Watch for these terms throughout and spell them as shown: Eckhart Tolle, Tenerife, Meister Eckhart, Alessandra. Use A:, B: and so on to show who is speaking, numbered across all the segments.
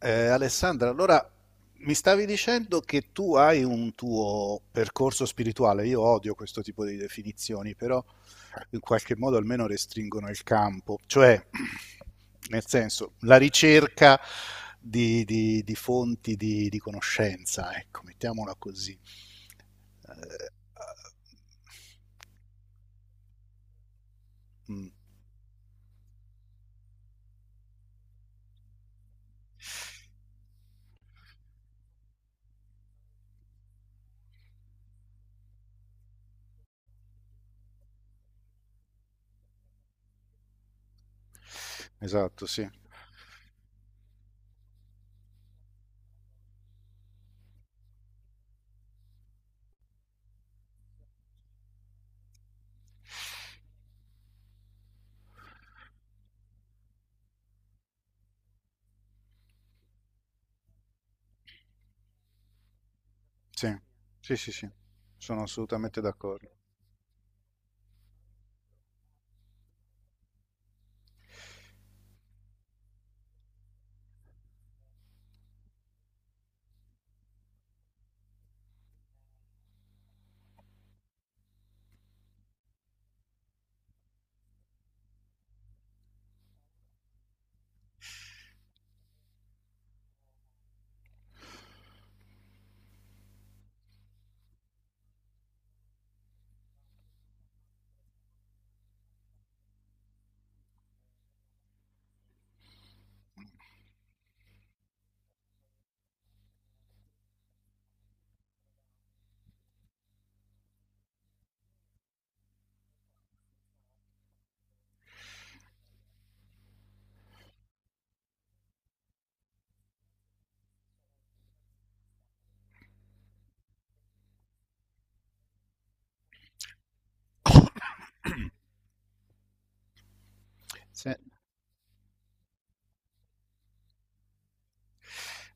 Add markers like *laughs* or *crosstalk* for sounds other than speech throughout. A: Alessandra, allora mi stavi dicendo che tu hai un tuo percorso spirituale. Io odio questo tipo di definizioni, però in qualche modo almeno restringono il campo, cioè *clears throat* nel senso la ricerca di fonti di conoscenza, ecco, mettiamola così. Eh, mm, esatto, sì, sì, sono assolutamente d'accordo. Sì.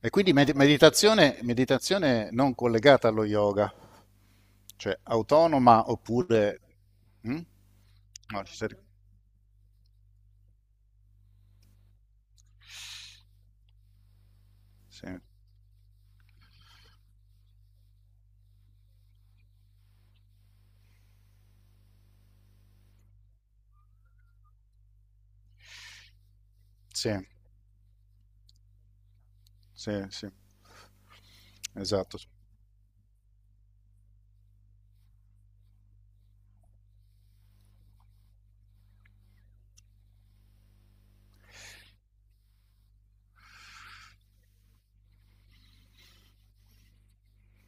A: E quindi meditazione, meditazione non collegata allo yoga, cioè autonoma oppure... mm? No, sì, sì, sì, esatto.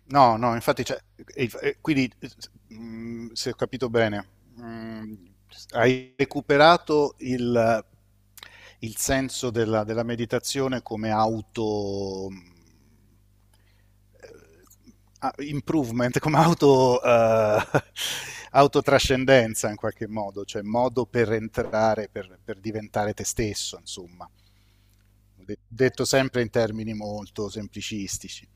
A: No, no, infatti, cioè, e quindi se ho capito bene, mh, hai recuperato il senso della meditazione come auto improvement, come auto, *laughs* autotrascendenza in qualche modo, cioè modo per entrare, per diventare te stesso, insomma. Detto sempre in termini molto semplicistici.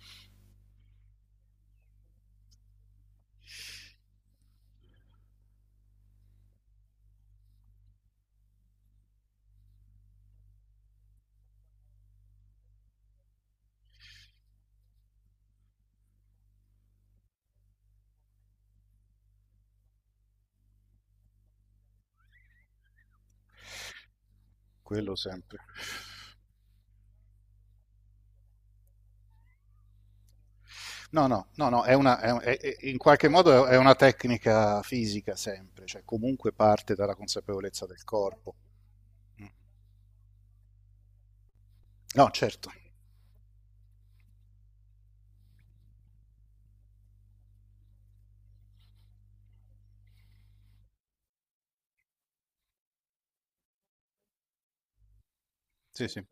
A: Quello sempre. No, è una, in qualche modo è una tecnica fisica sempre, cioè comunque parte dalla consapevolezza del corpo. Mm. No, certo. Sì, sì,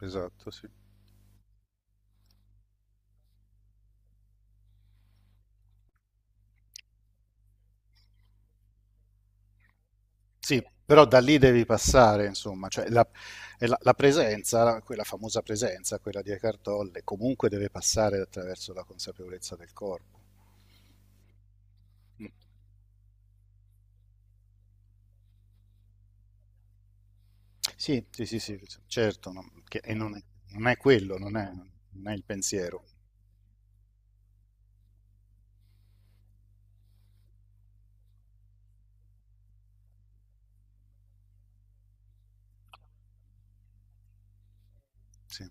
A: esatto, sì. Sì, però da lì devi passare, insomma, e la presenza, quella famosa presenza, quella di Eckhart Tolle, comunque deve passare attraverso la consapevolezza del corpo. Mm. Sì, certo, e non è, non è quello, non è, non è il pensiero. Sì.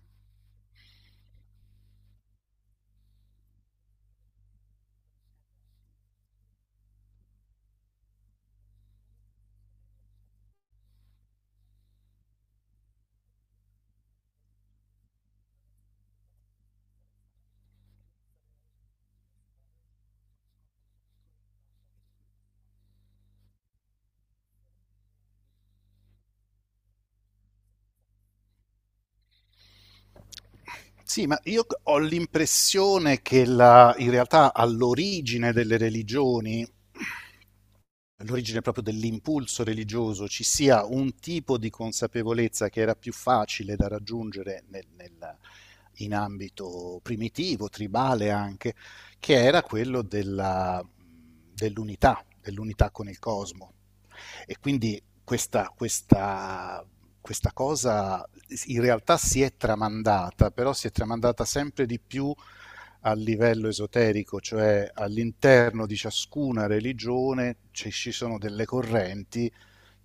A: Sì, ma io ho l'impressione che in realtà all'origine delle religioni l'origine proprio dell'impulso religioso, ci sia un tipo di consapevolezza che era più facile da raggiungere in ambito primitivo, tribale anche, che era quello dell'unità, dell'unità con il cosmo. E quindi questa cosa in realtà si è tramandata, però si è tramandata sempre di più a livello esoterico, cioè all'interno di ciascuna religione ci sono delle correnti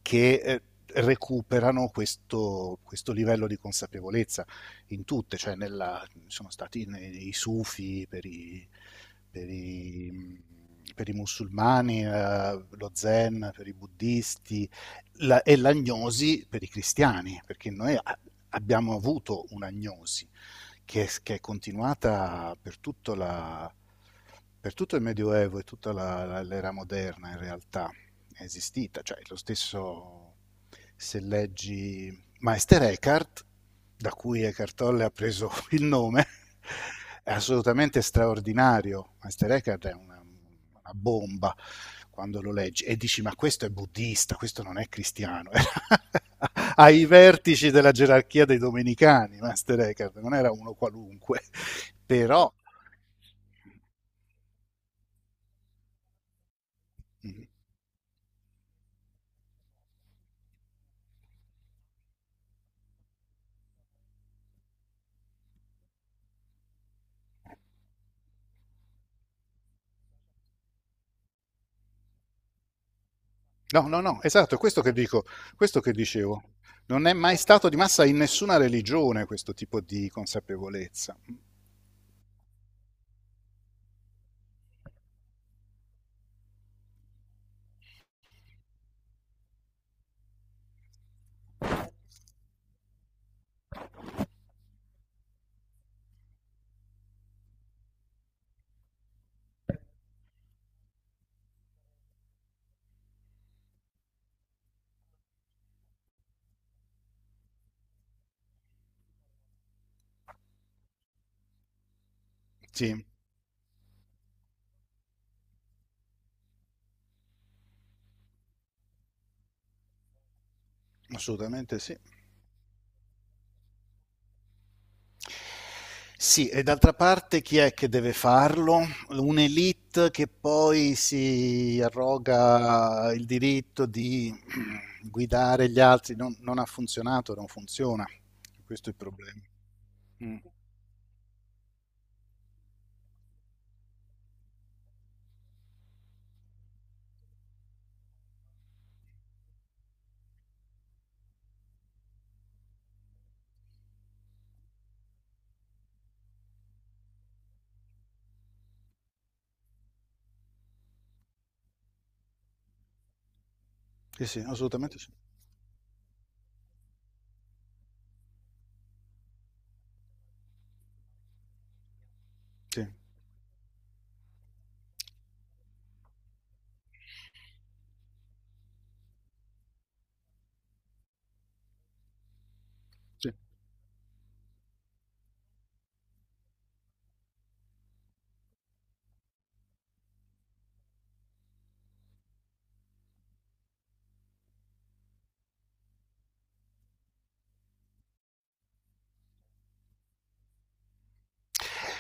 A: che recuperano questo livello di consapevolezza in tutte, cioè nella, sono stati nei, i sufi per per i, per i musulmani, lo zen per i buddisti la, e l'agnosi per i cristiani, perché abbiamo avuto un'agnosi che è continuata per per tutto il Medioevo e tutta l'era moderna in realtà, è esistita, cioè lo stesso se leggi Meister Eckhart, da cui Eckhart Tolle ha preso *laughs* il nome, è assolutamente straordinario. Meister Eckhart è una bomba quando lo leggi e dici ma questo è buddista, questo non è cristiano, era *laughs* ai vertici della gerarchia dei domenicani, Master Eckhart, non era uno qualunque, però mm, no, esatto, è questo che dico, questo che dicevo. Non è mai stato di massa in nessuna religione questo tipo di consapevolezza. Sì, assolutamente sì. Sì, e d'altra parte chi è che deve farlo? Un'elite che poi si arroga il diritto di *clears throat* guidare gli altri. Non, non ha funzionato, non funziona. Questo è il problema. Mm. Sì, sì, assolutamente sì. Sì, sì.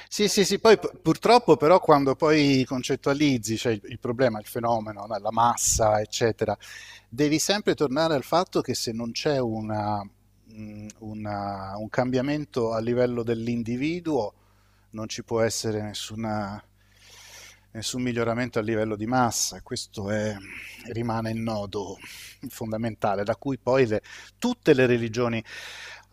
A: Sì, poi purtroppo però quando poi concettualizzi, cioè il problema, il fenomeno, no, la massa, eccetera, devi sempre tornare al fatto che se non c'è un cambiamento a livello dell'individuo, non ci può essere nessun miglioramento a livello di massa. Rimane il nodo fondamentale, da cui poi le tutte le religioni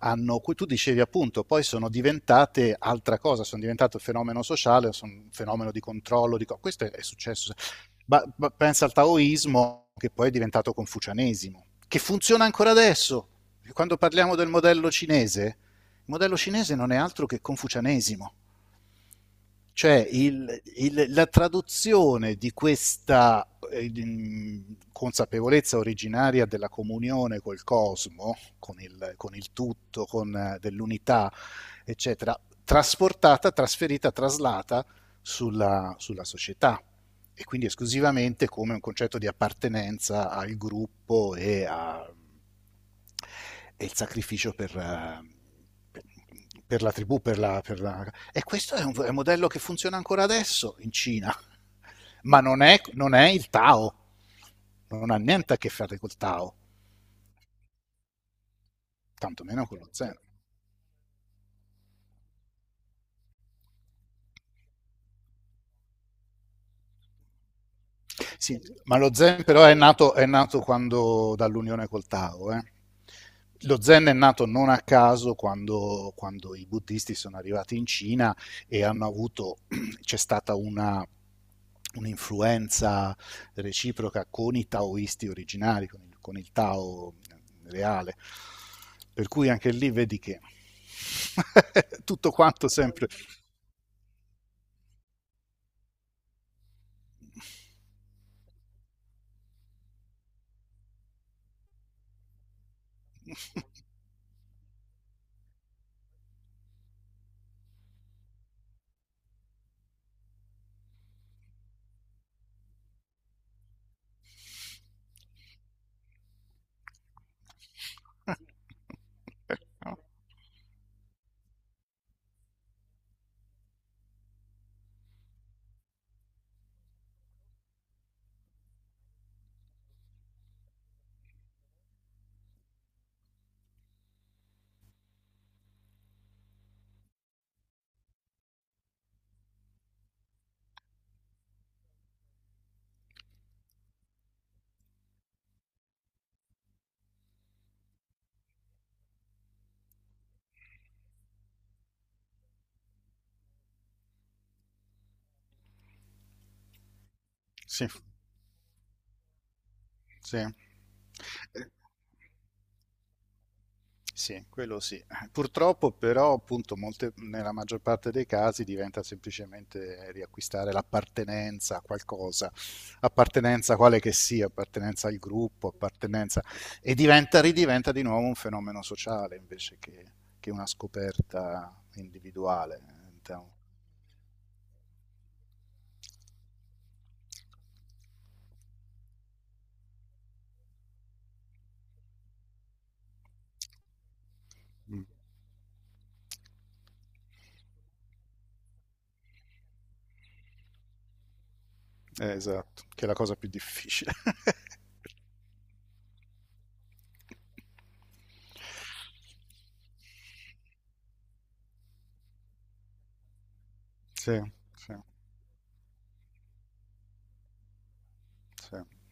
A: hanno, tu dicevi appunto, poi sono diventate altra cosa, sono diventate un fenomeno sociale, sono un fenomeno di controllo, questo è successo. Ma pensa al taoismo che poi è diventato confucianesimo, che funziona ancora adesso. Quando parliamo del modello cinese, il modello cinese non è altro che confucianesimo. Cioè la traduzione di questa consapevolezza originaria della comunione col cosmo, con il tutto, con dell'unità, eccetera, trasportata, trasferita, traslata sulla società e quindi esclusivamente come un concetto di appartenenza al gruppo e il sacrificio per, per- per la tribù, e questo è un modello che funziona ancora adesso in Cina, *laughs* ma non è, non è il Tao, non ha niente a che fare col Tao, tantomeno con lo Zen. Sì, ma lo Zen però è nato quando, dall'unione col Tao. Lo Zen è nato non a caso quando, quando i buddisti sono arrivati in Cina e hanno avuto, *clears throat* c'è stata una, un'influenza reciproca con i taoisti originari, con il Tao reale. Per cui anche lì vedi che *laughs* tutto quanto sempre. *laughs* Sì, sì. Sì, quello sì. Purtroppo però, appunto, nella maggior parte dei casi diventa semplicemente riacquistare l'appartenenza a qualcosa, appartenenza quale che sia, appartenenza al gruppo, appartenenza... e diventa, ridiventa di nuovo un fenomeno sociale invece che una scoperta individuale. Então, mm, esatto, che è la cosa più difficile. *laughs* Sì, sì, sì.